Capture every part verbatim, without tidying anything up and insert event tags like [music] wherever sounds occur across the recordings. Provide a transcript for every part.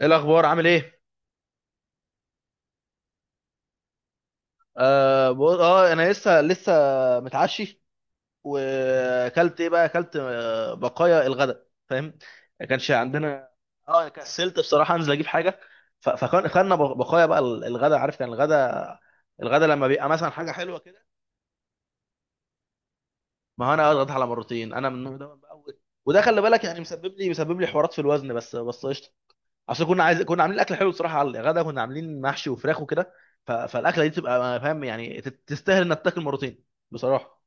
ايه الاخبار؟ عامل ايه؟ اه, بو- آه انا لسه لسه متعشي. واكلت ايه بقى؟ اكلت آه، بقايا الغداء، فاهم؟ ما كانش عندنا. اه كسلت بصراحه انزل اجيب حاجه. ف- فكان خدنا بق- بقايا بقى ال- الغداء، عارف، كان الغداء. الغداء لما بيبقى مثلا حاجه حلوه كده. ما هو انا اضغط على مرتين، انا من النوع ده بقى. و- وده خلي بالك يعني مسبب لي مسبب لي حوارات في الوزن، بس بس قشطه. اصل كنا عايز كنا عاملين اكل حلو بصراحه على الغدا، كنا عاملين محشي وفراخ وكده. ف... فالاكله دي تبقى، فاهم يعني، تت- تستاهل انك تاكل مرتين بصراحه.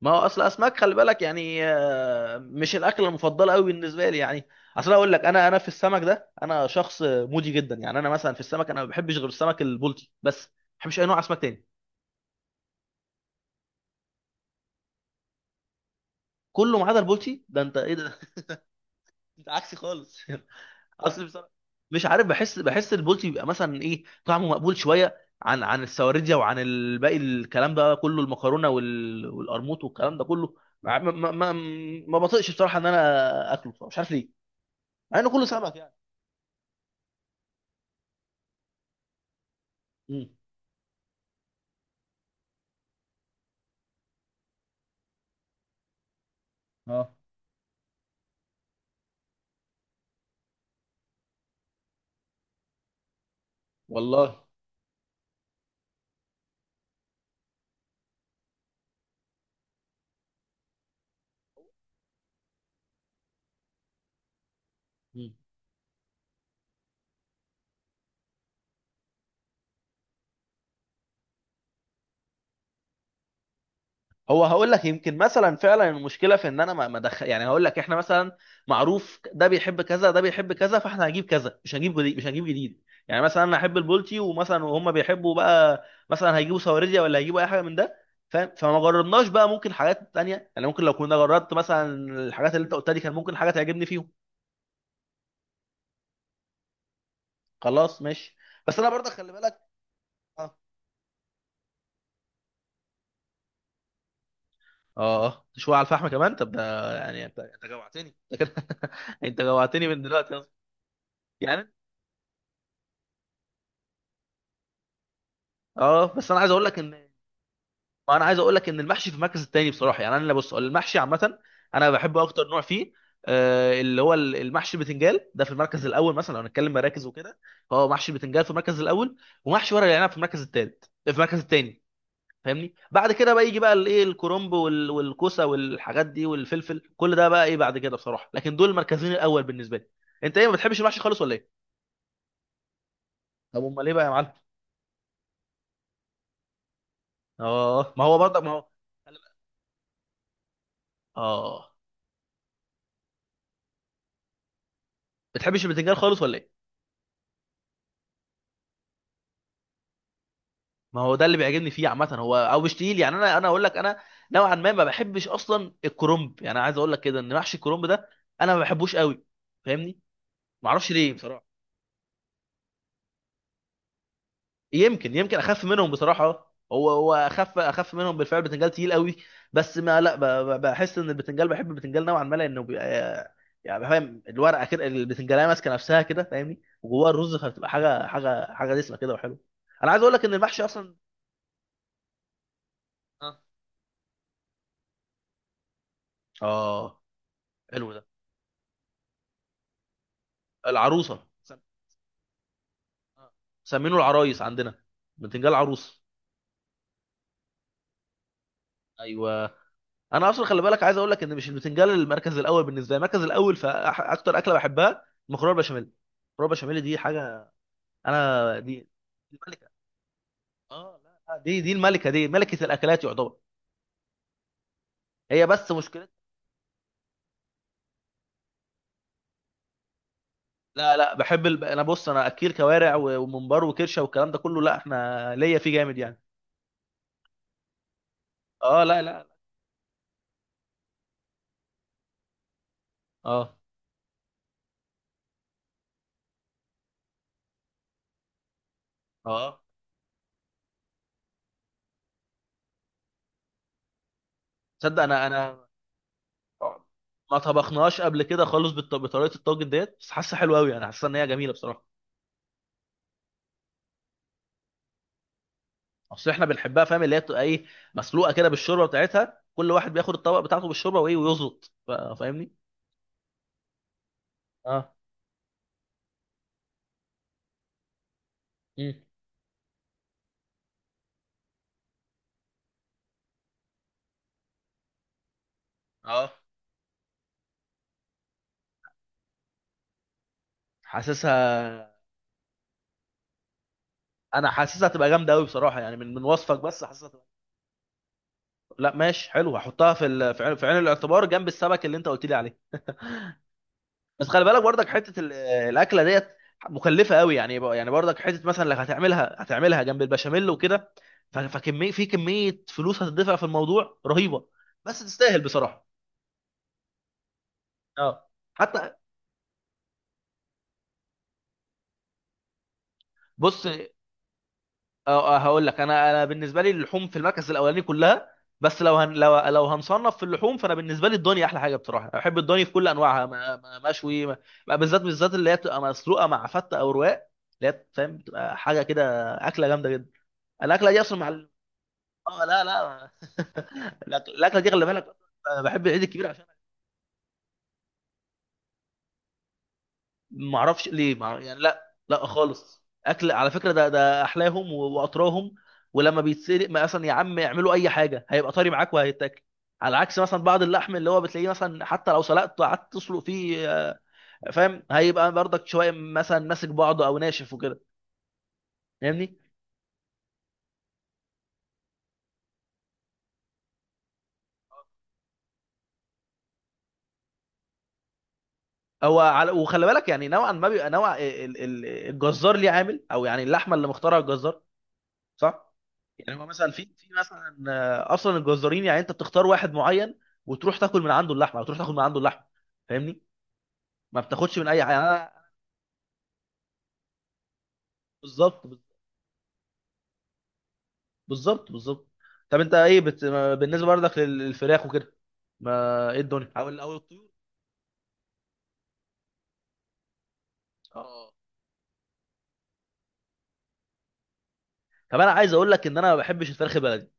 ما هو اصل اسماك، خلي بالك يعني، آه، مش الاكله المفضله قوي بالنسبه لي يعني. اصل اقول لك، انا انا في السمك ده انا شخص مودي جدا يعني. انا مثلا في السمك انا ما بحبش غير السمك البلطي، بس ما بحبش اي نوع اسماك تاني. كله ما عدا البلطي، ده انت ايه ده؟ [laughs] انت عكسي خالص. [laughs] اصل بصراحه مش عارف، بحس بحس البولتي بيبقى مثلا ايه، طعمه مقبول شويه عن عن السواردية وعن الباقي، الكلام ده كله، المكرونه وال... والقرموط والكلام ده كله. ما ما ما, ما بطيقش بصراحه ان انا اكله بصراحة. مش عارف ليه، مع انه كله سمك يعني. مم. اه والله. مم. هو هقول لك، يمكن مثلا فعلا المشكله في ان انا ما ما دخل. يعني هقول لك احنا مثلا معروف ده بيحب كذا، ده بيحب كذا، فاحنا هنجيب كذا، مش هنجيب جديد مش هنجيب جديد يعني. مثلا انا احب البولتي، ومثلا وهم بيحبوا بقى مثلا هيجيبوا سواردية ولا هيجيبوا اي حاجه من ده، فاهم؟ فما جربناش بقى، ممكن حاجات تانية يعني، ممكن لو كنا جربت مثلا الحاجات اللي انت قلتها دي كان ممكن حاجه تعجبني فيهم. خلاص ماشي. بس انا برضه خلي بالك. اه. اه. آه. شويه على الفحم كمان؟ طب ده يعني انت انت جوعتني. [laughs] انت جوعتني من دلوقتي أصلاً. يعني اه بس انا عايز اقول لك ان انا عايز اقول لك ان المحشي في المركز التاني بصراحه يعني. انا بص، المحشي عامه انا بحبه، اكتر نوع فيه آه، اللي هو ال- المحشي بتنجال ده في المركز الاول، مثلا لو هنتكلم مراكز وكده. فهو محشي بتنجال في المركز الاول، ومحشي ورق العنب في المركز الثالث في المركز الثاني، فاهمني؟ بعد كده بقى يجي بقى الايه، الكرنب وال- والكوسه والحاجات دي والفلفل، كل ده بقى ايه بعد كده بصراحه، لكن دول المركزين الاول بالنسبه لي. انت ايه، ما بتحبش المحشي خالص ولا ايه؟ طب امال ايه بقى يا معلم؟ اه، ما هو برضك، ما هو. اه بتحبش البتنجان خالص ولا ايه؟ ما هو ده اللي بيعجبني فيه عامه، هو او مش تقيل يعني. انا انا اقول لك، انا نوعا ما، ما بحبش اصلا الكرنب يعني، عايز اقول لك كده ان محشي الكرنب ده انا ما بحبوش قوي، فاهمني؟ ما اعرفش ليه بصراحه. يمكن يمكن اخف منهم بصراحه، آه، هو هو اخف اخف منهم بالفعل، البتنجال تقيل قوي. بس ما لا، ب- ب- بحس ان البتنجال، بحب البتنجال نوعا ما لانه بيبقى يعني فاهم، الورقه كده البتنجاليه ماسكه نفسها كده، فاهمني؟ وجواها الرز، فبتبقى حاجه حاجه حاجه دسمه كده وحلوه. انا عايز اقول لك ان المحشي اصلا. اه. آه، حلو ده. العروسه. مسمينه العرايس عندنا، بتنجال عروس. ايوه. انا اصلا خلي بالك، عايز اقول لك ان مش البتنجال المركز الاول بالنسبه لي. المركز الاول في أح- اكتر اكله بحبها، المكرونه البشاميل. المكرونه البشاميل دي حاجه، انا دي الملكه. اه لا لا، دي دي الملكه، دي ملكه الاكلات يعتبر. هي بس مشكلة. لا لا، بحب الب... انا بص، انا اكيل كوارع و- وممبار وكرشه والكلام ده كله، لا احنا ليا فيه جامد يعني. اه لا لا لا. اه. اه. تصدق، انا انا. اه، ما طبخناهاش قبل كده خالص بالط- بطريقه الطاجن ديت، بس حاسه حلوه قوي، انا حاسه ان هي جميله بصراحه. اصل احنا بنحبها، فاهم، اللي هي بتبقى ايه، مسلوقه كده بالشوربه بتاعتها، كل واحد بياخد الطبق بتاعته بالشوربه وايه ويظبط، فا- فاهمني؟ اه. مم. اه. حاسسها. انا حاسسها تبقى جامده قوي بصراحه يعني، من من وصفك، بس حاسسها تبقى. لا ماشي حلو، هحطها في ال... في عين في عين الاعتبار جنب السمك اللي انت قلت لي عليه. بس خلي بالك برضك، حته ال- الاكله ديت مكلفه قوي يعني. بق- يعني برضك حته مثلا اللي هتعملها، هتعملها جنب البشاميل وكده، ف- فكميه في كميه فلوس هتدفع في الموضوع رهيبه. بس تستاهل بصراحه. اه. حتى بص، آه، آه، هقول لك انا انا بالنسبه لي اللحوم في المركز الاولاني كلها، بس لو هن لو لو هنصنف في اللحوم، فانا بالنسبه لي الضاني احلى حاجه بصراحه. بحب الضاني في كل انواعها، ما- ما- مشوي، ما- ما- بالذات بالذات اللي هي بتبقى مسلوقه مع فته او رواق، اللي هي فاهم بتبقى حاجه كده، اكله جامده جدا. الاكله دي اصلا مع. اه لا لا. [laughs] الأك- الاكله دي خلي بالك، انا بحب العيد الكبير عشان. ما اعرفش ليه مع... يعني لا لا خالص، اكل على فكره، ده ده احلاهم و- واطراهم. ولما بيتسلق ما اصلا، يا عم اعملوا اي حاجه، هيبقى طري معاك وهيتاكل، على عكس مثلا بعض اللحم اللي هو بتلاقيه مثلا، حتى لو سلقته قعدت تسلق فيه آه، فاهم، هيبقى برضك شويه مثلا ماسك بعضه او ناشف وكده، فاهمني؟ هو على. وخلي بالك يعني، نوعا ما بيبقى نوع ال- ال- الجزار ليه عامل، او يعني اللحمه اللي مختارها الجزار، صح؟ يعني هو مثلا في في مثلا آه، اصلا الجزارين، يعني انت بتختار واحد معين، وتروح تاكل من عنده اللحمه، او تروح تاخد من عنده اللحمه، فاهمني؟ ما بتاخدش من اي حاجه يعني. أنا- بالظبط بالظبط بالظبط. طب انت ايه بت... ما- بالنسبه برضك لل- للفراخ وكده؟ ما ايه الدنيا او ال- او الطيور؟ اه. طب انا عايز اقول لك ان انا ما بحبش الفراخ البلدي.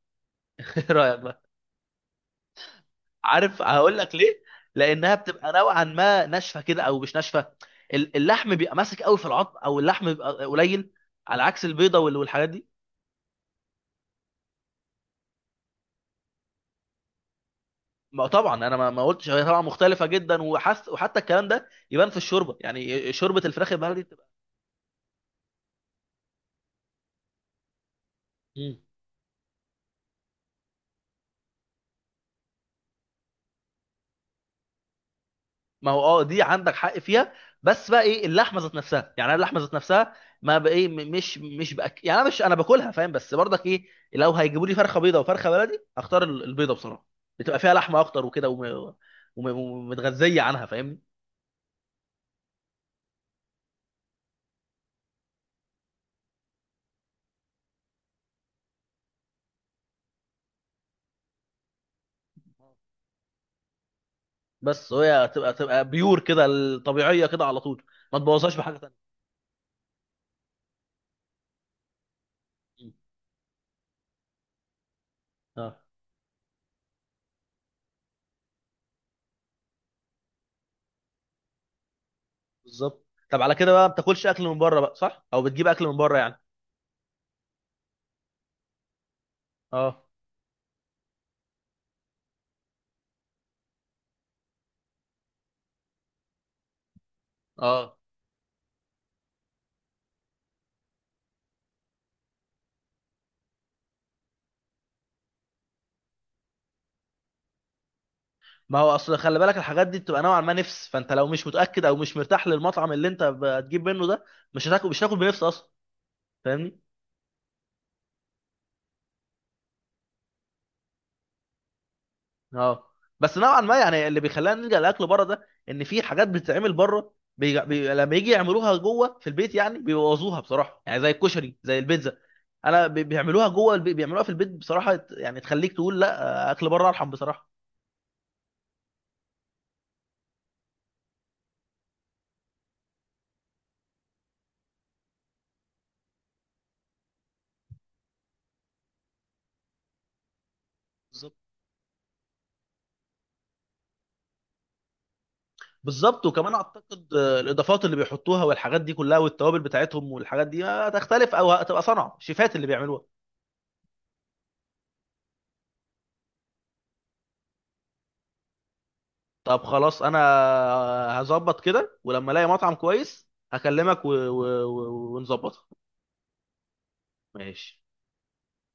[laughs] ايه رايك بقى؟ عارف هقول لك ليه؟ لانها بتبقى نوعا ما ناشفه كده او مش ناشفه، ال- اللحم بيبقى ماسك قوي في العظم، او اللحم بيبقى قليل، على عكس البيضه وال- والحاجات دي. ما طبعا انا ما ما قلتش، هي طبعا مختلفه جدا وحس، وحتى الكلام ده يبان في الشوربه يعني، شوربه الفراخ البلدي بتبقى. مم. ما هو اه، دي عندك حق فيها. بس بقى ايه اللحمه ذات نفسها يعني، انا اللحمه ذات نفسها، ما بقى ايه، م- مش مش بأك... يعني انا مش، انا باكلها فاهم، بس برضك ايه، لو هيجيبوا لي فرخه بيضه وفرخه بلدي، هختار ال- البيضه بصراحه، بتبقى فيها لحمه اكتر وكده، وم- وم- ومتغذيه عنها، فاهمني؟ بس هي تبقى تبقى بيور كده الطبيعيه كده على طول، ما تبوظهاش بحاجه تانيه. م. اه. بالظبط. طب على كده بقى ما بتاكلش اكل من بره بقى صح؟ او بتجيب اكل من بره يعني؟ اه. اه. ما هو اصل خلي بالك، الحاجات دي بتبقى نوعا ما نفس، فانت لو مش متاكد او مش مرتاح للمطعم اللي انت هتجيب منه ده، مش هتاكل مش هتاكل بنفس اصلا، فاهمني؟ اه. بس نوعا ما يعني اللي بيخلينا نلجا لاكل بره ده ان في حاجات بتتعمل بره، بي... بي... لما يجي يعملوها جوه في البيت يعني بيبوظوها بصراحه، يعني زي الكشري زي البيتزا. انا بي... بيعملوها جوه البيت، بيعملوها في البيت بصراحه، يت- يعني تخليك تقول لا، آه، اكل بره ارحم بصراحه. بالظبط، وكمان اعتقد آه، الاضافات اللي بيحطوها والحاجات دي كلها، والتوابل بتاعتهم والحاجات دي هتختلف، او هتبقى صنعه شيفات اللي بيعملوها. طب خلاص انا هظبط كده، ولما الاقي مطعم كويس هكلمك و... و... و... ونظبطها. ماشي.